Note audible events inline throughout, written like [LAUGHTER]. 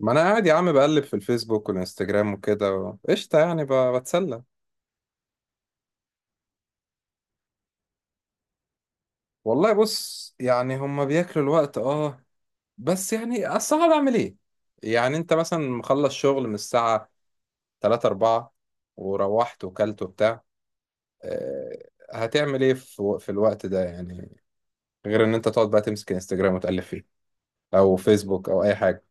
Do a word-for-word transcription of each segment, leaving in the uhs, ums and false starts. ما انا قاعد يا عم بقلب في الفيسبوك والانستجرام وكده و- قشطه يعني ب- بتسلى. والله بص يعني هما بياكلوا الوقت اه. بس يعني اصل أنا بعمل ايه؟ يعني انت مثلا مخلص شغل من الساعه ثلاثة اربعة وروحت وكلت وبتاع. آه، هتعمل ايه في في الوقت ده يعني؟ غير ان انت تقعد بقى تمسك انستجرام وتقلب فيه او فيسبوك او اي حاجه.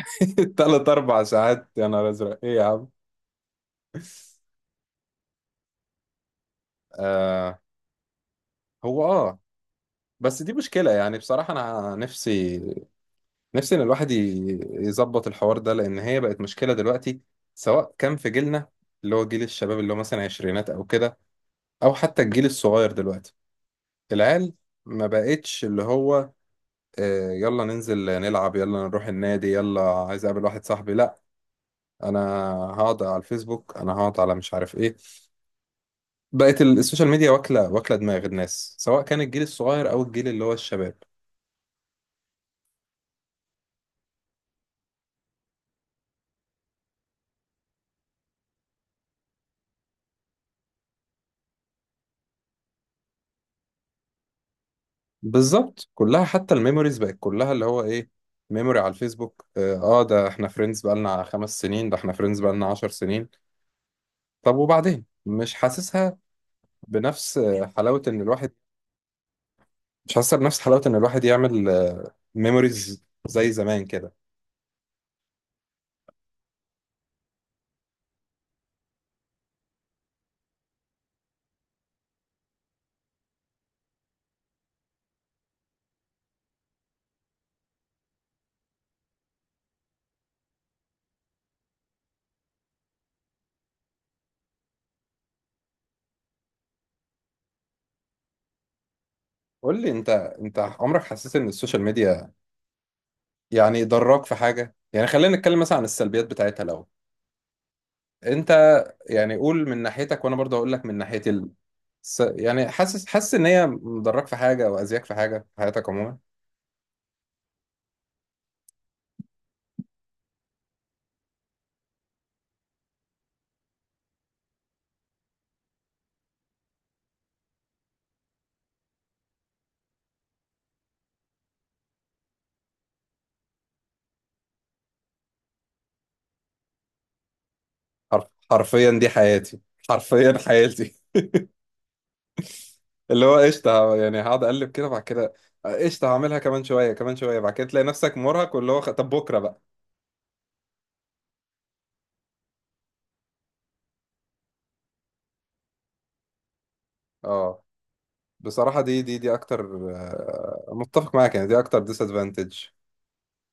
[LAUGHS] تلات أربع ساعات، يا نهار ازرق، ايه يا عم؟ آه هو اه. بس دي مشكلة يعني، بصراحة أنا نفسي، نفسي ان الواحد ي- يظبط الحوار ده، لان هي بقت مشكله دلوقتي، سواء كان في جيلنا، اللي هو جيل الشباب، اللي هو مثلا عشرينات او كده، او حتى الجيل الصغير دلوقتي، العيال. ما بقتش اللي هو آه، يلا ننزل نلعب، يلا نروح النادي، يلا عايز اقابل واحد صاحبي. لا، انا هقعد على الفيسبوك، انا هقعد على مش عارف ايه. بقت ال- السوشيال ميديا واكله واكله دماغ الناس، سواء كان الجيل الصغير او الجيل اللي هو الشباب. بالظبط، كلها حتى الميموريز بقت كلها اللي هو ايه، ميموري على الفيسبوك، اه. آه، ده احنا فريندز بقالنا خمس سنين، ده احنا فريندز بقالنا عشر سنين. طب وبعدين مش حاسسها بنفس آه، حلاوة ان الواحد، مش حاسسها بنفس حلاوة ان الواحد يعمل آه، ميموريز زي زمان كده. قول لي انت انت عمرك حسيت ان السوشيال ميديا يعني ضراك في حاجة؟ يعني خلينا نتكلم مثلا عن السلبيات بتاعتها الاول. انت يعني قول من ناحيتك وانا برضه هقول لك من ناحيتي. س... يعني حاسس حاسس ان هي مضرك في حاجه او اذياك في حاجه في حياتك عموما؟ حرف... حرفيا دي حياتي، حرفيا حياتي. [LAUGHS] اللي هو قشطه يعني، هقعد اقلب كده بعد كده، قشطه هعملها كمان شويه كمان شويه، بعد كده تلاقي نفسك مرهق، واللي هو خ- طب بكره بقى. اه بصراحه دي دي دي اكتر، آه، متفق معاك يعني، دي اكتر ديس ادفانتج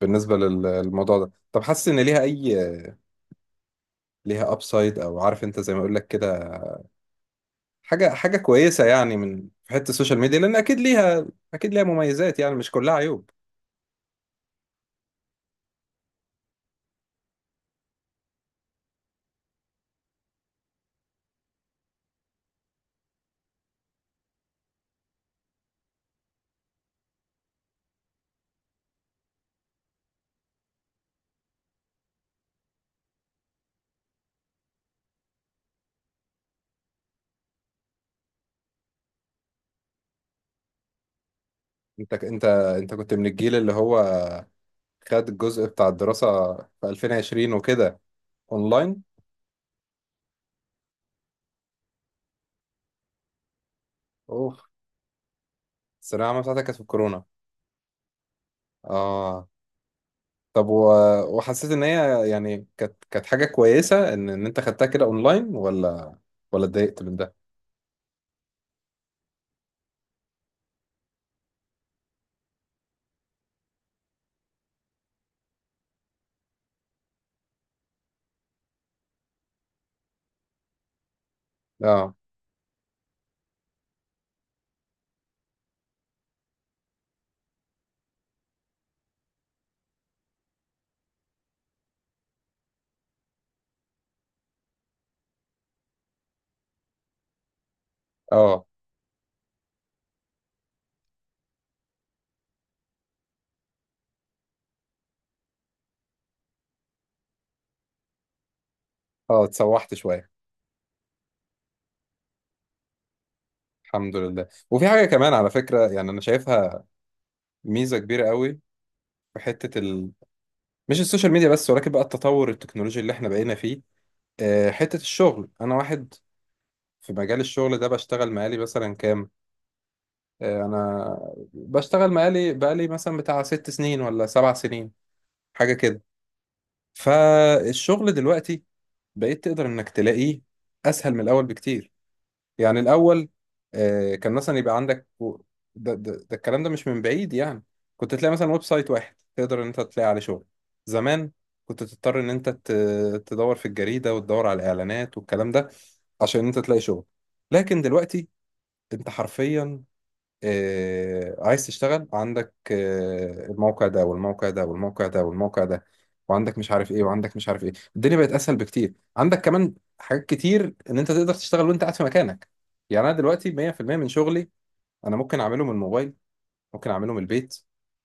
بالنسبه لل- للموضوع ده. طب حاسس ان ليها اي، ليها ابسايد، او عارف انت زي ما اقول لك كده، حاجة حاجة كويسة يعني من في حتة السوشيال ميديا؟ لأن أكيد ليها، أكيد ليها مميزات يعني، مش كلها عيوب. أنت أنت أنت كنت من الجيل اللي هو خد الجزء بتاع الدراسة في ألفين وعشرين وكده أونلاين. أوف، الثانوية العامة بتاعتك كانت في الكورونا؟ آه. طب و... وحسيت إن هي يعني كانت كانت حاجة كويسة إن إن أنت خدتها كده أونلاين، ولا ولا اتضايقت من ده؟ آه، آه، آه، اتسوحت شوية. الحمد لله. وفي حاجة كمان على فكرة يعني أنا شايفها ميزة كبيرة قوي، في حتة مش السوشيال ميديا بس، ولكن بقى التطور التكنولوجي اللي احنا بقينا فيه. آه، حتة الشغل، انا واحد في مجال الشغل ده بشتغل مقالي مثلا كام، آه، انا بشتغل مقالي بقالي مثلا بتاع ست سنين ولا سبع سنين، حاجة كده. فالشغل دلوقتي بقيت تقدر انك تلاقيه اسهل من الاول بكتير. يعني الأول آه، كان مثلا يبقى عندك و- ده, ده, ده الكلام ده مش من بعيد يعني، كنت تلاقي مثلا ويب سايت واحد تقدر إن أنت تلاقي عليه شغل. زمان كنت تضطر إن أنت ت- تدور في الجريدة وتدور على الإعلانات والكلام ده عشان أنت تلاقي شغل. لكن دلوقتي أنت حرفيا آه، عايز تشتغل، عندك آه، الموقع ده والموقع ده والموقع ده والموقع ده، وعندك مش عارف ايه، وعندك مش عارف ايه، الدنيا بقت اسهل بكتير، عندك كمان حاجات كتير ان انت تقدر تشتغل وانت قاعد في مكانك. يعني انا دلوقتي مية في المية من شغلي انا ممكن اعمله من الموبايل، ممكن اعمله من البيت،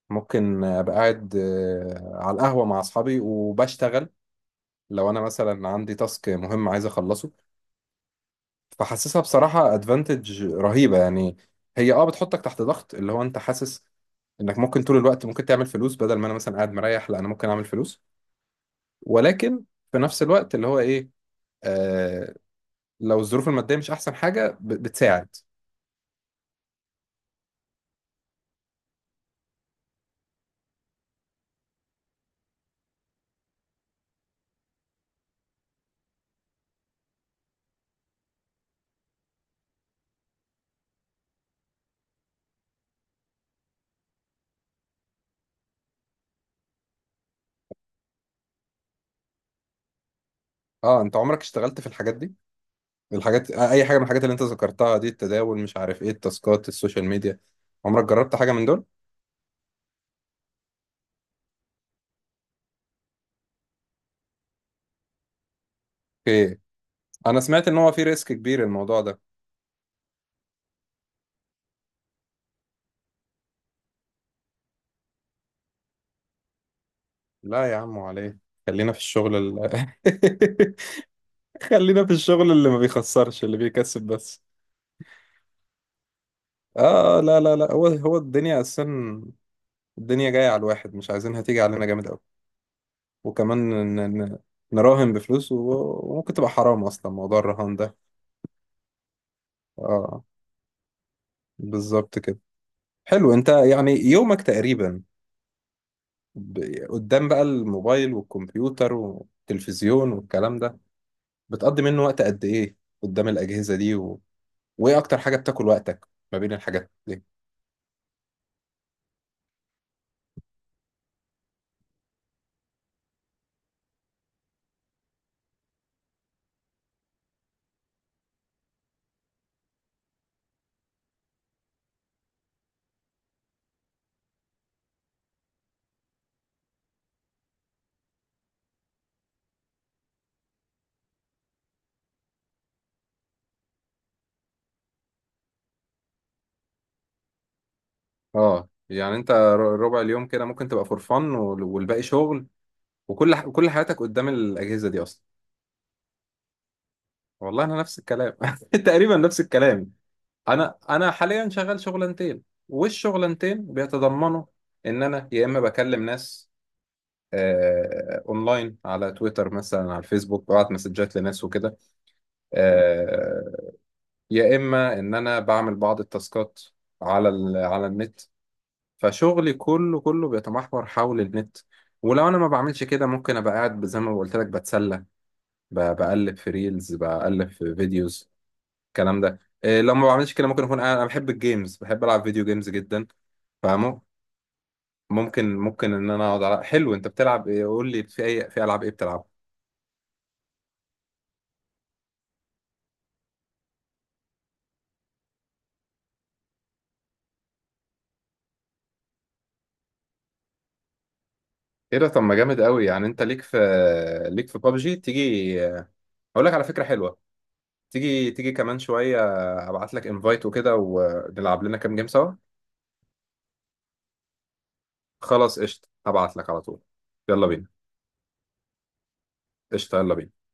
ممكن ابقى قاعد آه، على القهوة مع اصحابي وبشتغل، لو انا مثلا عندي تاسك مهم عايز اخلصه. فحاسسها بصراحة ادفانتج رهيبة يعني. هي اه بتحطك تحت ضغط، اللي هو انت حاسس انك ممكن طول الوقت ممكن تعمل فلوس، بدل ما انا مثلا قاعد مريح، لا انا ممكن اعمل فلوس. ولكن في نفس الوقت اللي هو ايه، آه لو الظروف المادية مش احسن حاجة ب- بتساعد. اه انت عمرك اشتغلت في الحاجات دي، الحاجات آه، اي حاجة من الحاجات اللي انت ذكرتها دي، التداول مش عارف ايه التاسكات السوشيال ميديا، عمرك جربت حاجة من دول؟ اوكي. انا سمعت ان هو في ريسك كبير الموضوع ده. لا يا عم عليه، خلينا في الشغل ال [LAUGHS] خلينا في الشغل اللي ما بيخسرش، اللي بيكسب بس. اه آه، لا لا لا، هو هو الدنيا اساسا، الدنيا جايه على الواحد، مش عايزينها تيجي علينا جامد قوي. وكمان ن- ن- نراهن بفلوس و- وممكن تبقى حرام اصلا موضوع الرهان ده. اه بالظبط كده. حلو، انت يعني يومك تقريبا ب- قدام بقى الموبايل والكمبيوتر والتلفزيون والكلام ده، بتقضي منه وقت قد ايه قدام الاجهزه دي؟ و... وايه اكتر حاجه بتاكل وقتك ما بين الحاجات؟ اه يعني انت ر- ربع اليوم كده ممكن تبقى فور فن والباقي شغل، وكل ح... كل حياتك قدام الاجهزه دي اصلا. والله انا نفس الكلام [LAUGHS] تقريبا نفس الكلام. انا انا حاليا شغال شغلانتين، والشغلانتين بيتضمنوا ان انا يا اما بكلم ناس آه، اونلاين على تويتر مثلا على الفيسبوك، ببعت مسجات لناس وكده، آه، يا اما ان انا بعمل بعض التاسكات على ال... على النت. فشغلي كله كله بيتمحور حول النت. ولو انا ما بعملش كده ممكن ابقى قاعد زي ما قلت لك بتسلى، ب- بقلب في ريلز، بقلب في فيديوز، الكلام ده. إيه، لو ما بعملش كده ممكن اكون قاعد، انا بحب الجيمز، بحب العب فيديو جيمز جدا. فاهمه. ممكن ممكن ان انا اقعد على، حلو انت بتلعب ايه؟ قول لي في اي، في العاب ايه بتلعب؟ ايه ده؟ طب ما جامد قوي يعني، انت ليك في، ليك في بابجي؟ تيجي اقول لك على فكرة حلوة، تيجي تيجي كمان شوية ابعت لك انفايت وكده ونلعب لنا كام جيم سوا. خلاص قشطة، هبعت لك على طول. يلا بينا، قشطة يلا بينا.